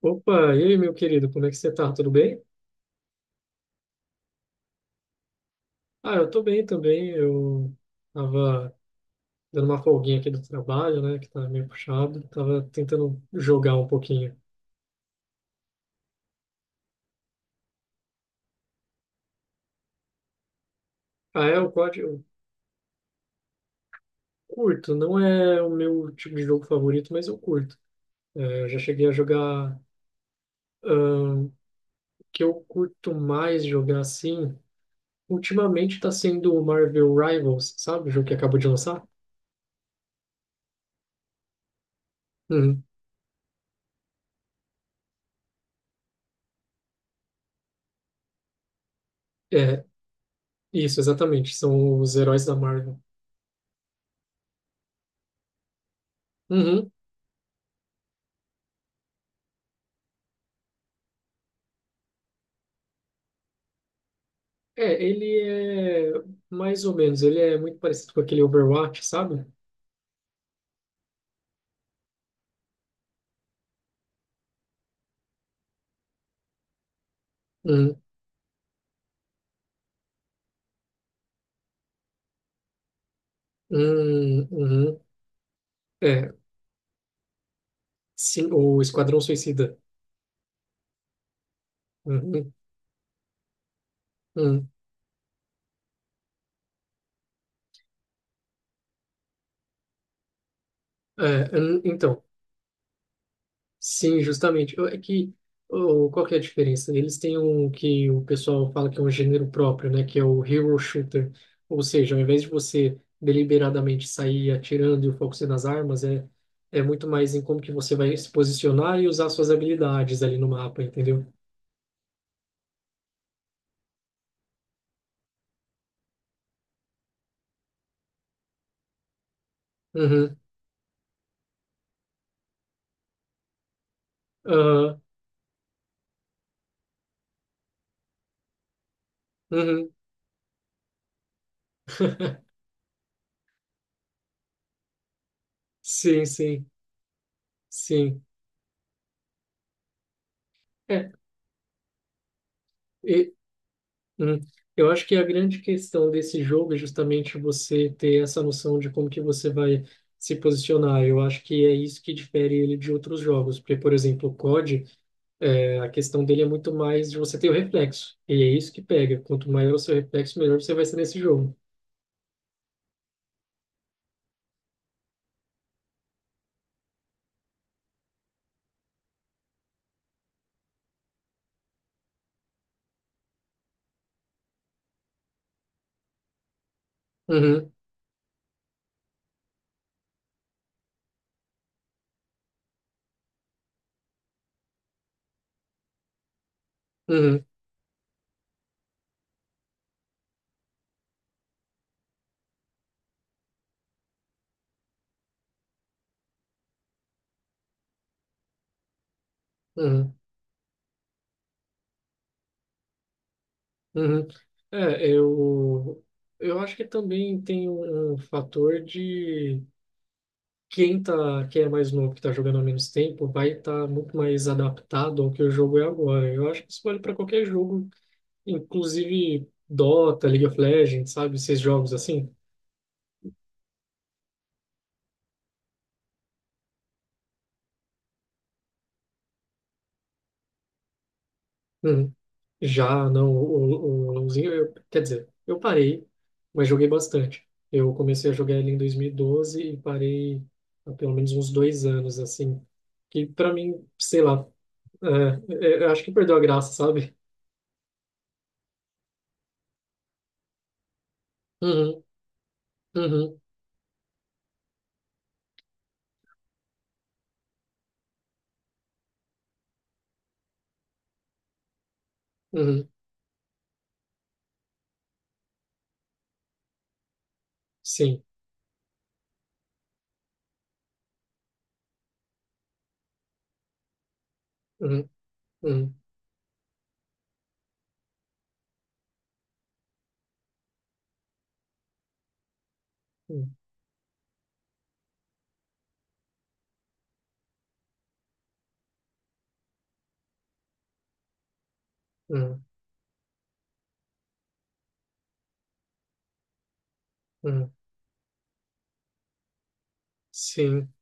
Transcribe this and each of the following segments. Opa, e aí, meu querido, como é que você tá? Tudo bem? Ah, eu tô bem também. Eu tava dando uma folguinha aqui do trabalho, né, que tá meio puxado. Tava tentando jogar um pouquinho. Ah, é, eu curto. Não é o meu tipo de jogo favorito, mas eu curto. É, eu já cheguei a jogar... ahn, O que eu curto mais jogar, assim, ultimamente tá sendo o Marvel Rivals, sabe? O jogo que acabou de lançar. Uhum. É, isso, exatamente. São os heróis da Marvel. Uhum. É, ele é mais ou menos, ele é muito parecido com aquele Overwatch, sabe? Uhum, uhum, uhum. É, sim, o Esquadrão Suicida. Uhum, uhum. É, hum, então, sim, justamente. É que, oh, qual que é a diferença? Eles têm um que o pessoal fala que é um gênero próprio, né? Que é o Hero Shooter. Ou seja, ao invés de você deliberadamente sair atirando e o foco ser nas armas, é, é muito mais em como que você vai se posicionar e usar suas habilidades ali no mapa, entendeu? Uhum, aham, uhum. Sim, sim, sim. É, e, hum, eu acho que a grande questão desse jogo é justamente você ter essa noção de como que você vai se posicionar. Eu acho que é isso que difere ele de outros jogos, porque, por exemplo, o COD, é, a questão dele é muito mais de você ter o reflexo, e é isso que pega. Quanto maior o seu reflexo, melhor você vai ser nesse jogo. Uhum, uhum, uhum. Uhum. É, eu acho que também tem um fator de quem tá, quem é mais novo, que tá jogando há menos tempo, vai estar muito mais adaptado ao que o jogo é agora. Eu acho que isso vale para qualquer jogo, inclusive Dota, League of Legends, sabe? Esses jogos assim. Uhum. Já, não, o LoLzinho, eu, quer dizer, eu parei, mas joguei bastante. Eu comecei a jogar ele em 2012 e parei há pelo menos uns dois anos, assim que para mim, sei lá, é, é, eu acho que perdeu a graça, sabe? Uhum, uhum, uhum, sim, uhum, uhum, uhum, uhum, uhum, sim,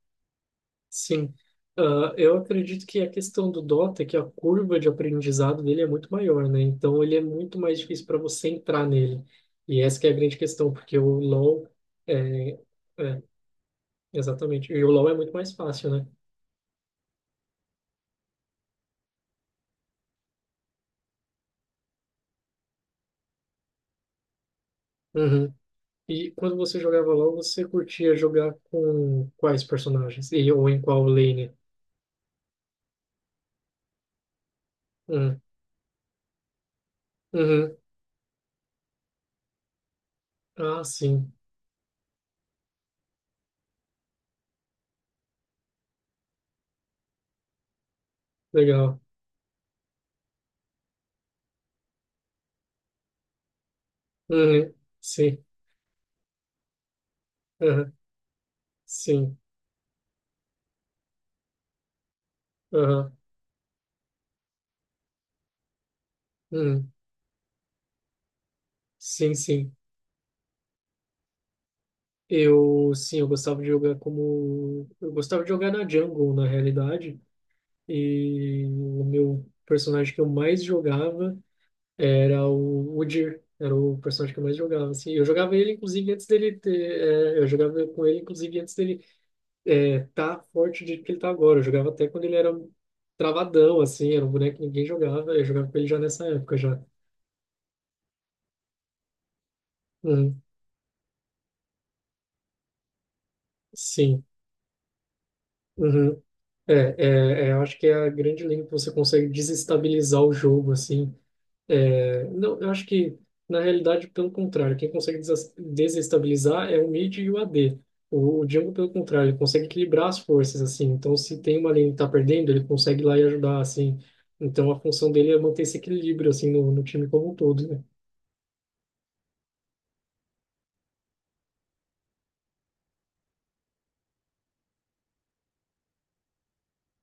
sim. Ah, eu acredito que a questão do Dota é que a curva de aprendizado dele é muito maior, né? Então ele é muito mais difícil para você entrar nele. E essa que é a grande questão, porque o LoL é, é, exatamente. E o LoL é muito mais fácil, né? Uhum. E quando você jogava LoL, você curtia jogar com quais personagens? E, ou em qual lane? Hum. Uhum. Ah, sim. Legal. Uhum. Sim. Uhum. Sim. Uhum. Uhum. Sim, sim. Eu, sim, eu gostava de jogar como... Eu gostava de jogar na jungle, na realidade. E o meu personagem que eu mais jogava era o Udyr. Era o personagem que eu mais jogava, assim. Eu jogava ele, inclusive, antes dele ter... é, eu jogava com ele, inclusive, antes dele é, tá forte do jeito que ele tá agora. Eu jogava até quando ele era um travadão, assim, era um boneco que ninguém jogava. Eu jogava com ele já nessa época, já. Uhum, sim. Uhum. É, é, é, eu acho que é a grande linha que você consegue desestabilizar o jogo, assim. É, não, eu acho que, na realidade, pelo contrário, quem consegue desestabilizar é o mid e o AD. O Django, pelo contrário, ele consegue equilibrar as forças, assim. Então, se tem uma lane que tá perdendo, ele consegue ir lá e ajudar, assim. Então, a função dele é manter esse equilíbrio, assim, no time como um todo, né?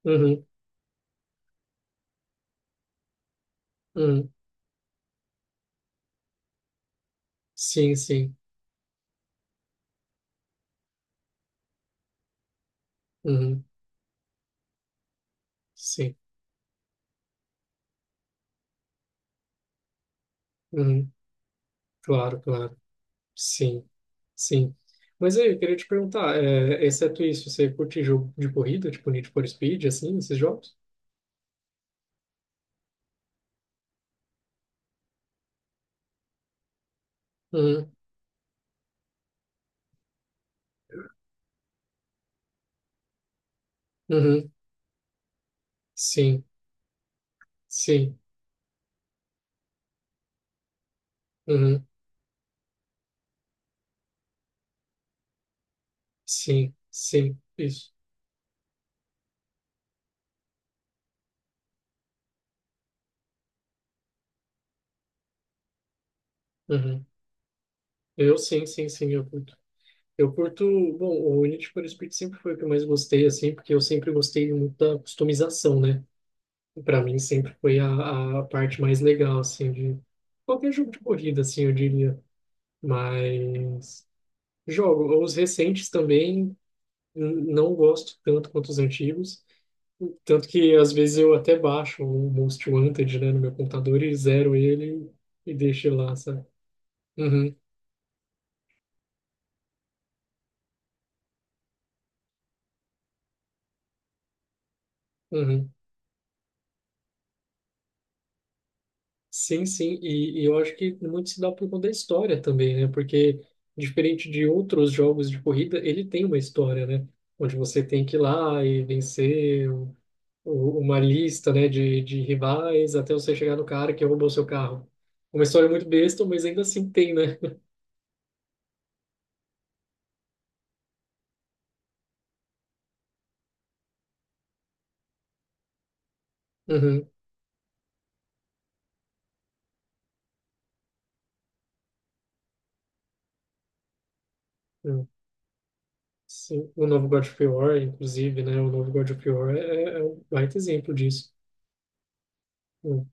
Uhum, uhum. Sim, sim. Uhum, sim. Uhum. Claro, claro. Sim, sim. Mas aí, eu queria te perguntar, é, exceto isso, você curte jogo de corrida, tipo Need for Speed, assim, esses jogos? Uhum. Uhum. Sim, sim, uhum, sim, sim, isso. Uhum. Eu sim, sim, sim, eu curto. Eu curto, bom, o Need for Speed sempre foi o que eu mais gostei, assim, porque eu sempre gostei muito da customização, né? Para mim sempre foi a parte mais legal, assim, de qualquer jogo de corrida, assim, eu diria. Mas jogo, os recentes também não gosto tanto quanto os antigos. Tanto que às vezes eu até baixo o Most Wanted, né, no meu computador e zero ele e deixo ele lá, sabe? Uhum, uhum. Sim, sim, e eu acho que muito se dá por conta da história também, né? Porque diferente de outros jogos de corrida, ele tem uma história, né? Onde você tem que ir lá e vencer uma lista, né, de rivais até você chegar no cara que roubou seu carro. Uma história muito besta, mas ainda assim tem, né? Uhum. Uhum. Sim, o novo God of War, inclusive, né? O novo God of War é, é um baita exemplo disso. Hum.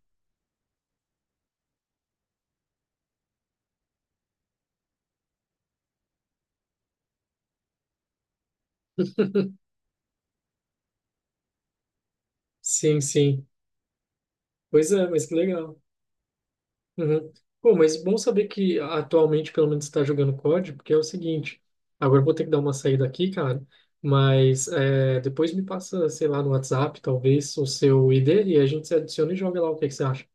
Sim, sim. Pois é, mas que legal. Uhum. Pô, mas bom saber que atualmente pelo menos está jogando COD, porque é o seguinte, agora eu vou ter que dar uma saída aqui, cara, mas é, depois me passa, sei lá, no WhatsApp, talvez, o seu ID e a gente se adiciona e joga lá o que que você acha.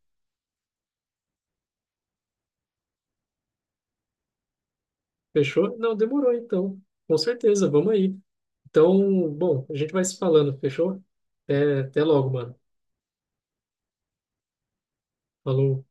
Fechou? Não, demorou então. Com certeza, vamos aí. Então, bom, a gente vai se falando, fechou? Até, até logo, mano. Falou.